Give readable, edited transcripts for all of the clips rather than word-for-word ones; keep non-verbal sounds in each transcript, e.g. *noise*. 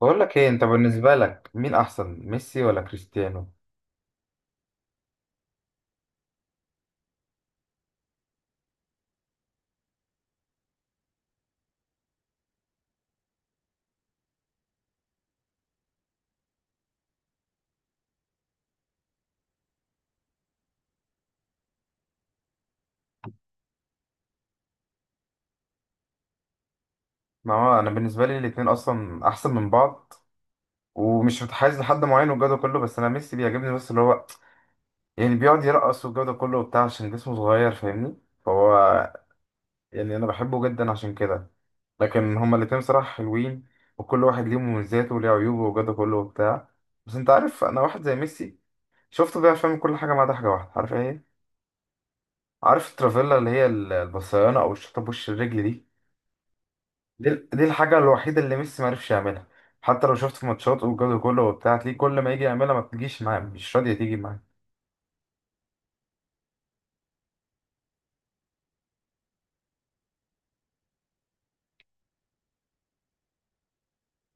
بقول لك ايه، انت بالنسبه لك مين احسن، ميسي ولا كريستيانو؟ ما هو انا بالنسبه لي الاثنين اصلا احسن من بعض ومش متحيز لحد معين والجو ده كله. بس انا ميسي بيعجبني بس اللي هو يعني بيقعد يرقص والجو ده كله وبتاع عشان جسمه صغير فاهمني. فهو يعني انا بحبه جدا عشان كده. لكن هما الاثنين بصراحه حلوين، وكل واحد ليه مميزاته وليه عيوبه والجو ده كله وبتاع. بس انت عارف انا واحد زي ميسي شفته بيعرف يعمل كل حاجه ما عدا حاجه واحده، عارف ايه؟ عارف الترافيلا اللي هي البصيانه او الشوطه بوش الرجل دي؟ دي الحاجة الوحيدة اللي ميسي معرفش يعملها. حتى لو شفت في ماتشات والجو كله وبتاع تلاقيه كل ما يجي يعملها ما بتجيش معاه، مش راضية تيجي معاه.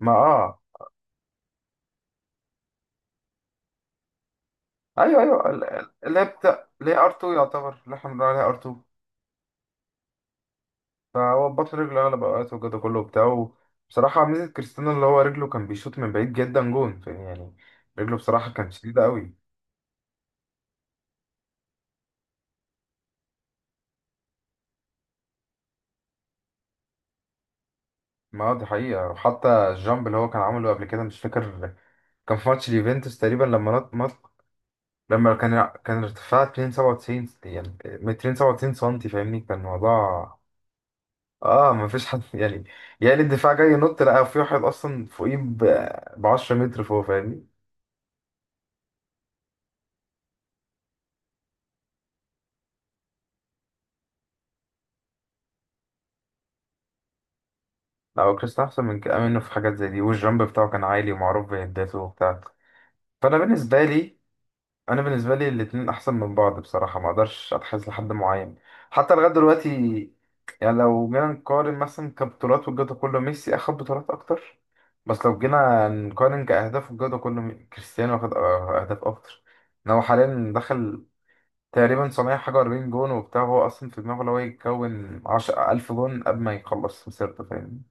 ما اه، ايوه ايوه اللي هي بتاع اللي هي ار2 يعتبر، اللي احنا بنقول عليها ار2. فهو بطل رجله اغلب الاوقات والجو كله وبتاع. بصراحة ميزة كريستيانو اللي هو رجله كان بيشوط من بعيد جدا جون فاهم يعني، رجله بصراحة كانت شديدة قوي. ما هو دي حقيقة، وحتى الجامب اللي هو كان عامله قبل كده مش فاكر، كان في ماتش اليوفنتوس تقريبا لما نط. لما كان ارتفاع 297، يعني 297 سنتي فاهمني كان الموضوع. اه ما فيش حد *laughs* يعني. يعني الدفاع جاي ينط لقى في واحد اصلا فوقيه ب 10 متر فوق فاهمني. لا هو كريستيانو احسن من كده منه في حاجات زي دي، والجامب بتاعه كان عالي ومعروف بهداته وبتاع. فانا بالنسبه لي، انا بالنسبه لي الاتنين احسن من بعض بصراحه، ما اقدرش اتحيز لحد معين حتى لغايه دلوقتي. يعني لو جينا نقارن مثلا كبطولات والجوده كله ميسي اخد بطولات اكتر، بس لو جينا نقارن كاهداف والجوده كله كريستيانو واخد اهداف اكتر. ان هو حاليا دخل تقريبا 700 حاجه 40 جون وبتاع، هو اصلا في دماغه لو يكون 10 1000 جون قبل ما يخلص مسيرته فاهمني.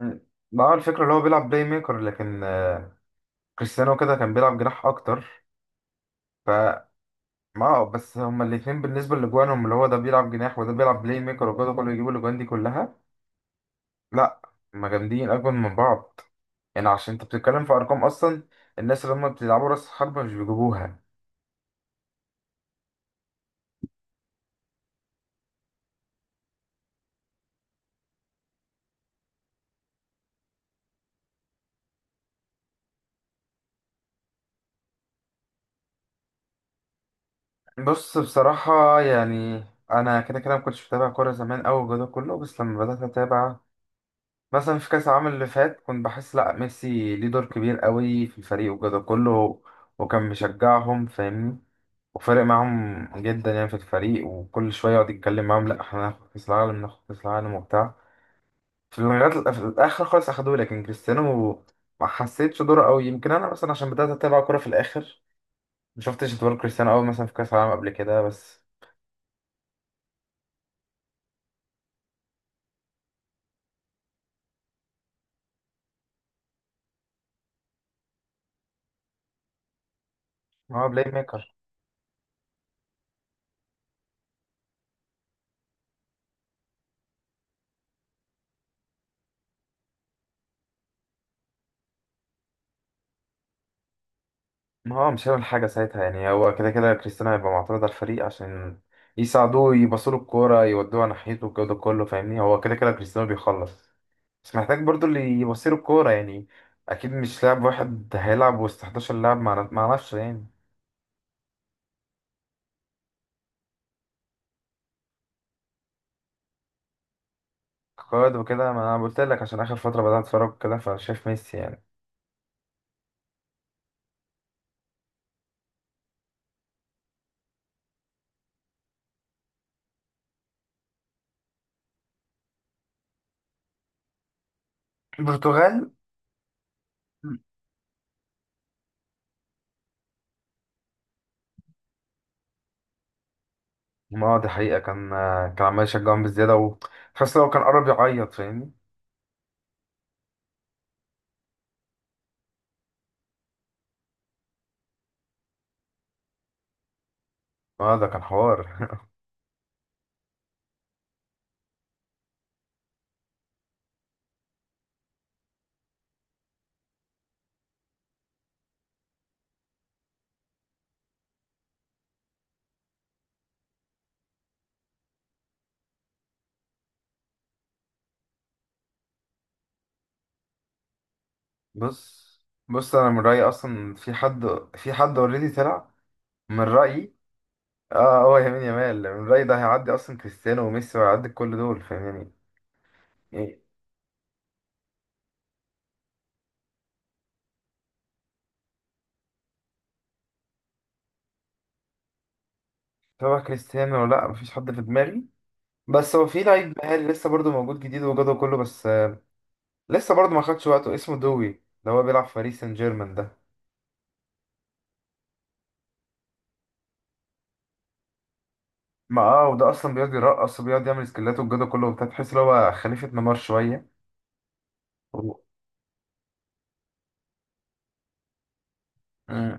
م. ما هو الفكره اللي هو بيلعب بلاي ميكر، لكن كريستيانو كده كان بيلعب جناح اكتر. ف ما هو بس هما الاثنين بالنسبة لجوانهم اللي هو ده بيلعب جناح وده بيلعب بلاي ميكر وجوده كله بيجيب الاجوان دي كلها. لا، هما جامدين اجمل من بعض. يعني عشان انت بتتكلم في ارقام اصلا، الناس اللي هما بتلعبوا راس حربة مش بيجيبوها. بص بصراحة يعني انا كده كده ما كنتش بتابع كورة زمان اوي الجو ده كله، بس لما بدأت اتابع مثلا في كأس العالم اللي فات كنت بحس لأ ميسي ليه دور كبير قوي في الفريق وكده كله، وكان مشجعهم فاهمني، وفارق معاهم جدا يعني في الفريق وكل شوية يقعد يتكلم معاهم لأ احنا هناخد كأس العالم، ناخد كأس العالم وبتاع، في لغاية في الآخر خالص أخدوه. لكن كريستيانو ما حسيتش دوره قوي، يمكن أنا مثلا عشان بدأت أتابع كورة في الآخر ما شفتش دور كريستيانو قوي مثلا في كأس العالم قبل كده بس. هو بلاي ميكر. ما هو مش هيعمل حاجة ساعتها يعني، هو كده كده كريستيانو هيبقى معترض على الفريق عشان يساعدوه يباصوا له الكورة يودوها ناحيته والجو ده كله فاهمني، هو كده كده كريستيانو بيخلص بس محتاج برضو اللي يبصيله الكورة يعني. أكيد مش لاعب واحد هيلعب وسط 11 لاعب مع نفسه يعني. قائد وكده، ما أنا قلت لك عشان آخر فترة بدأت أتفرج كده فشايف ميسي يعني. البرتغال. ما دي حقيقة، كان كان عمال يشجعهم بزيادة وتحس لو كان قرب يعيط فاهمني. اه ده كان حوار *laughs* بص، بص انا من رايي اصلا في حد، في حد اوريدي طلع من رايي. اه هو يمين يامال، من رايي ده هيعدي اصلا كريستيانو وميسي وهيعدي كل دول فاهماني. يعني سواء كريستيانو ولا لا مفيش حد في دماغي. بس هو في لعيب مهاري لسه برضه موجود جديد وجوده كله بس لسه برضه ما خدش وقته، اسمه دوي اللي هو بيلعب في باريس سان جيرمان ده. ما اه، وده اصلا بيقعد يرقص وبيقعد يعمل سكيلات وجوده كله وبتاع، تحس ان هو خليفه نيمار شويه. و...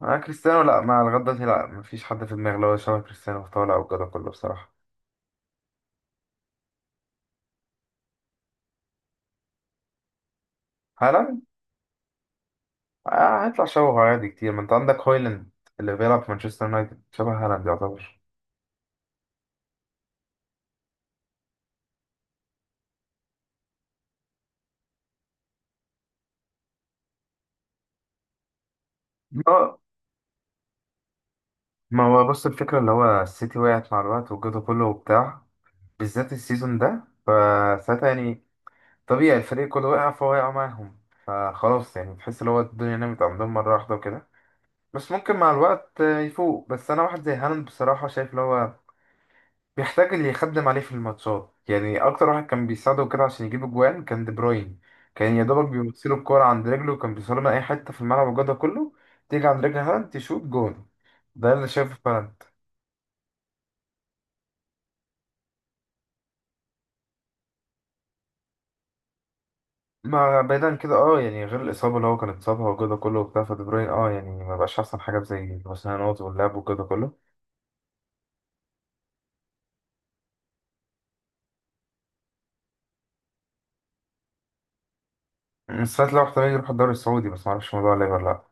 مع كريستيانو لا، مع لغاية دلوقتي لا مفيش حد في دماغي اللي هو شبه كريستيانو في طالع وكده كله بصراحة. هالاند؟ آه هيطلع شبهه عادي كتير، ما انت عندك هويلاند اللي بيلعب في مانشستر يونايتد شبه هالاند يعتبر. ما ما هو بص الفكرة اللي هو السيتي وقعت مع الوقت وجوده كله وبتاع، بالذات السيزون ده فساعتها يعني طبيعي الفريق كله وقع فهو وقع معاهم، خلاص يعني تحس اللي هو الدنيا نامت عندهم مرة واحدة وكده. بس ممكن مع الوقت يفوق. بس أنا واحد زي هالاند بصراحة شايف اللي هو بيحتاج اللي يخدم عليه في الماتشات يعني، اكتر واحد كان بيساعده كده عشان يجيب اجوان كان دي بروين، كان يا دوبك بيوصله الكوره عند رجله وكان بيوصله من اي حته في الملعب والجو ده كله، تيجي عند رجل هالاند تشوط جون، ده اللي شايفه في هالاند. ما بعيدا كده اه يعني غير الاصابه اللي هو كان اتصابها والجو ده كله وبتاع فدي بروين اه يعني ما بقاش احسن حاجه زي الوسنانات واللعب والجو ده كله. بس ساعات لو احتمال يروح الدوري السعودي بس ما اعرفش الموضوع ليه ولا لا.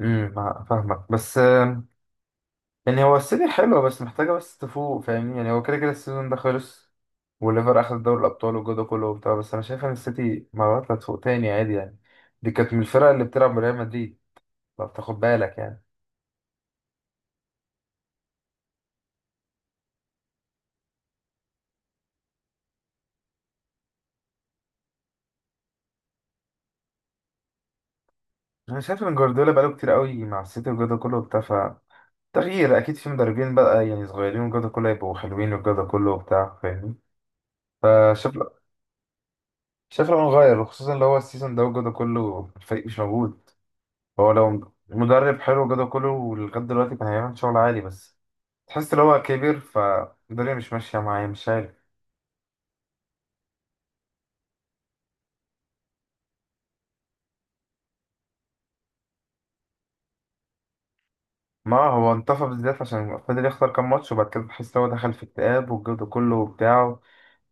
فاهمك بس، يعني هو السيتي حلوة بس محتاجة بس تفوق فاهمني، يعني هو كده كده السيزون ده خلص والليفر أخد دوري الأبطال والجو ده كله وبتاع، بس أنا شايف إن السيتي مرات هتفوق تاني عادي يعني. دي كانت من الفرق اللي بتلعب بريال مدريد لو بتاخد بالك يعني. أنا شايف إن جوارديولا بقاله كتير قوي مع السيتي والجو ده كله وبتاع، ف تغيير أكيد في مدربين بقى يعني صغيرين والجو ده كله يبقوا حلوين والجو ده كله وبتاع فاهمين. فشايف، شايف لو نغير وخصوصا اللي هو السيزون ده والجو ده كله الفريق مش موجود. هو لو مدرب حلو كده كله ولغاية دلوقتي كان هيعمل شغل عالي، بس تحس ان هو كبير فالدنيا مش ماشية معاه مش عارف. ما هو انطفى بالذات عشان فضل يخسر كام ماتش وبعد كده تحس ان هو دخل في اكتئاب والجو كله بتاعه.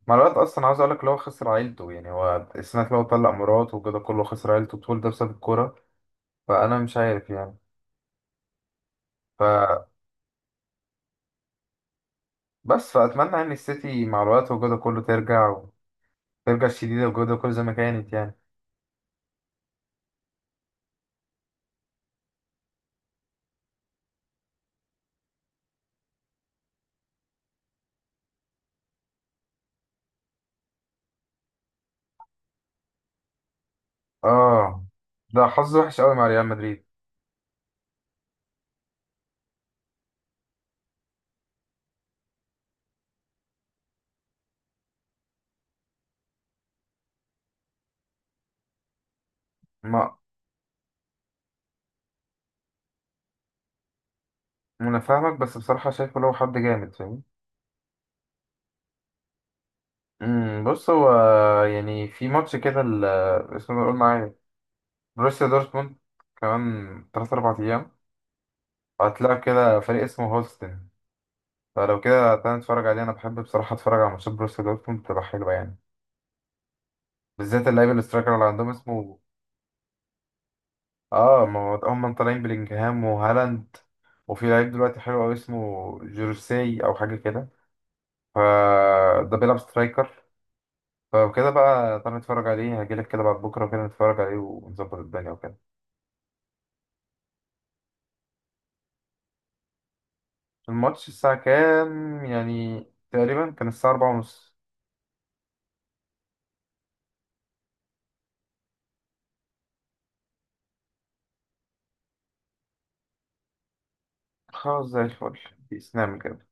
مع الوقت اصلا عاوز اقول لك هو خسر عيلته يعني، هو السنة اللي هو طلق مراته والجو كله خسر عيلته طول ده بسبب الكورة. فانا مش عارف يعني. فبس، فاتمنى ان السيتي مع الوقت والجو كله ترجع وترجع شديدة والجو كله زي ما كانت يعني. اه ده حظ وحش قوي مع ريال مدريد. ما انا فاهمك، بس بصراحه شايفه لو حد جامد فاهم. بص هو يعني في ماتش كده اسمه ده قول معايا، بروسيا دورتموند كمان 3 4 ايام هتلاعب كده فريق اسمه هولستن. فلو كده تعالى نتفرج عليه، انا بحب بصراحه اتفرج على ماتشات بروسيا دورتموند بتبقى حلوه يعني، بالذات اللعيب الاسترايكر اللي عندهم اسمه. اه ما هو هم طالعين بلينجهام وهالاند، وفي لعيب دلوقتي حلو قوي اسمه جورسي او حاجه كده، فده بيلعب سترايكر. فلو كده بقى تعالى نتفرج عليه هجيلك كده بعد بكرة كده نتفرج عليه ونظبط الدنيا وكده. الماتش الساعة كام يعني؟ تقريبا كان الساعة أربعة ونص. خلاص زي الفل، بإسلام كده.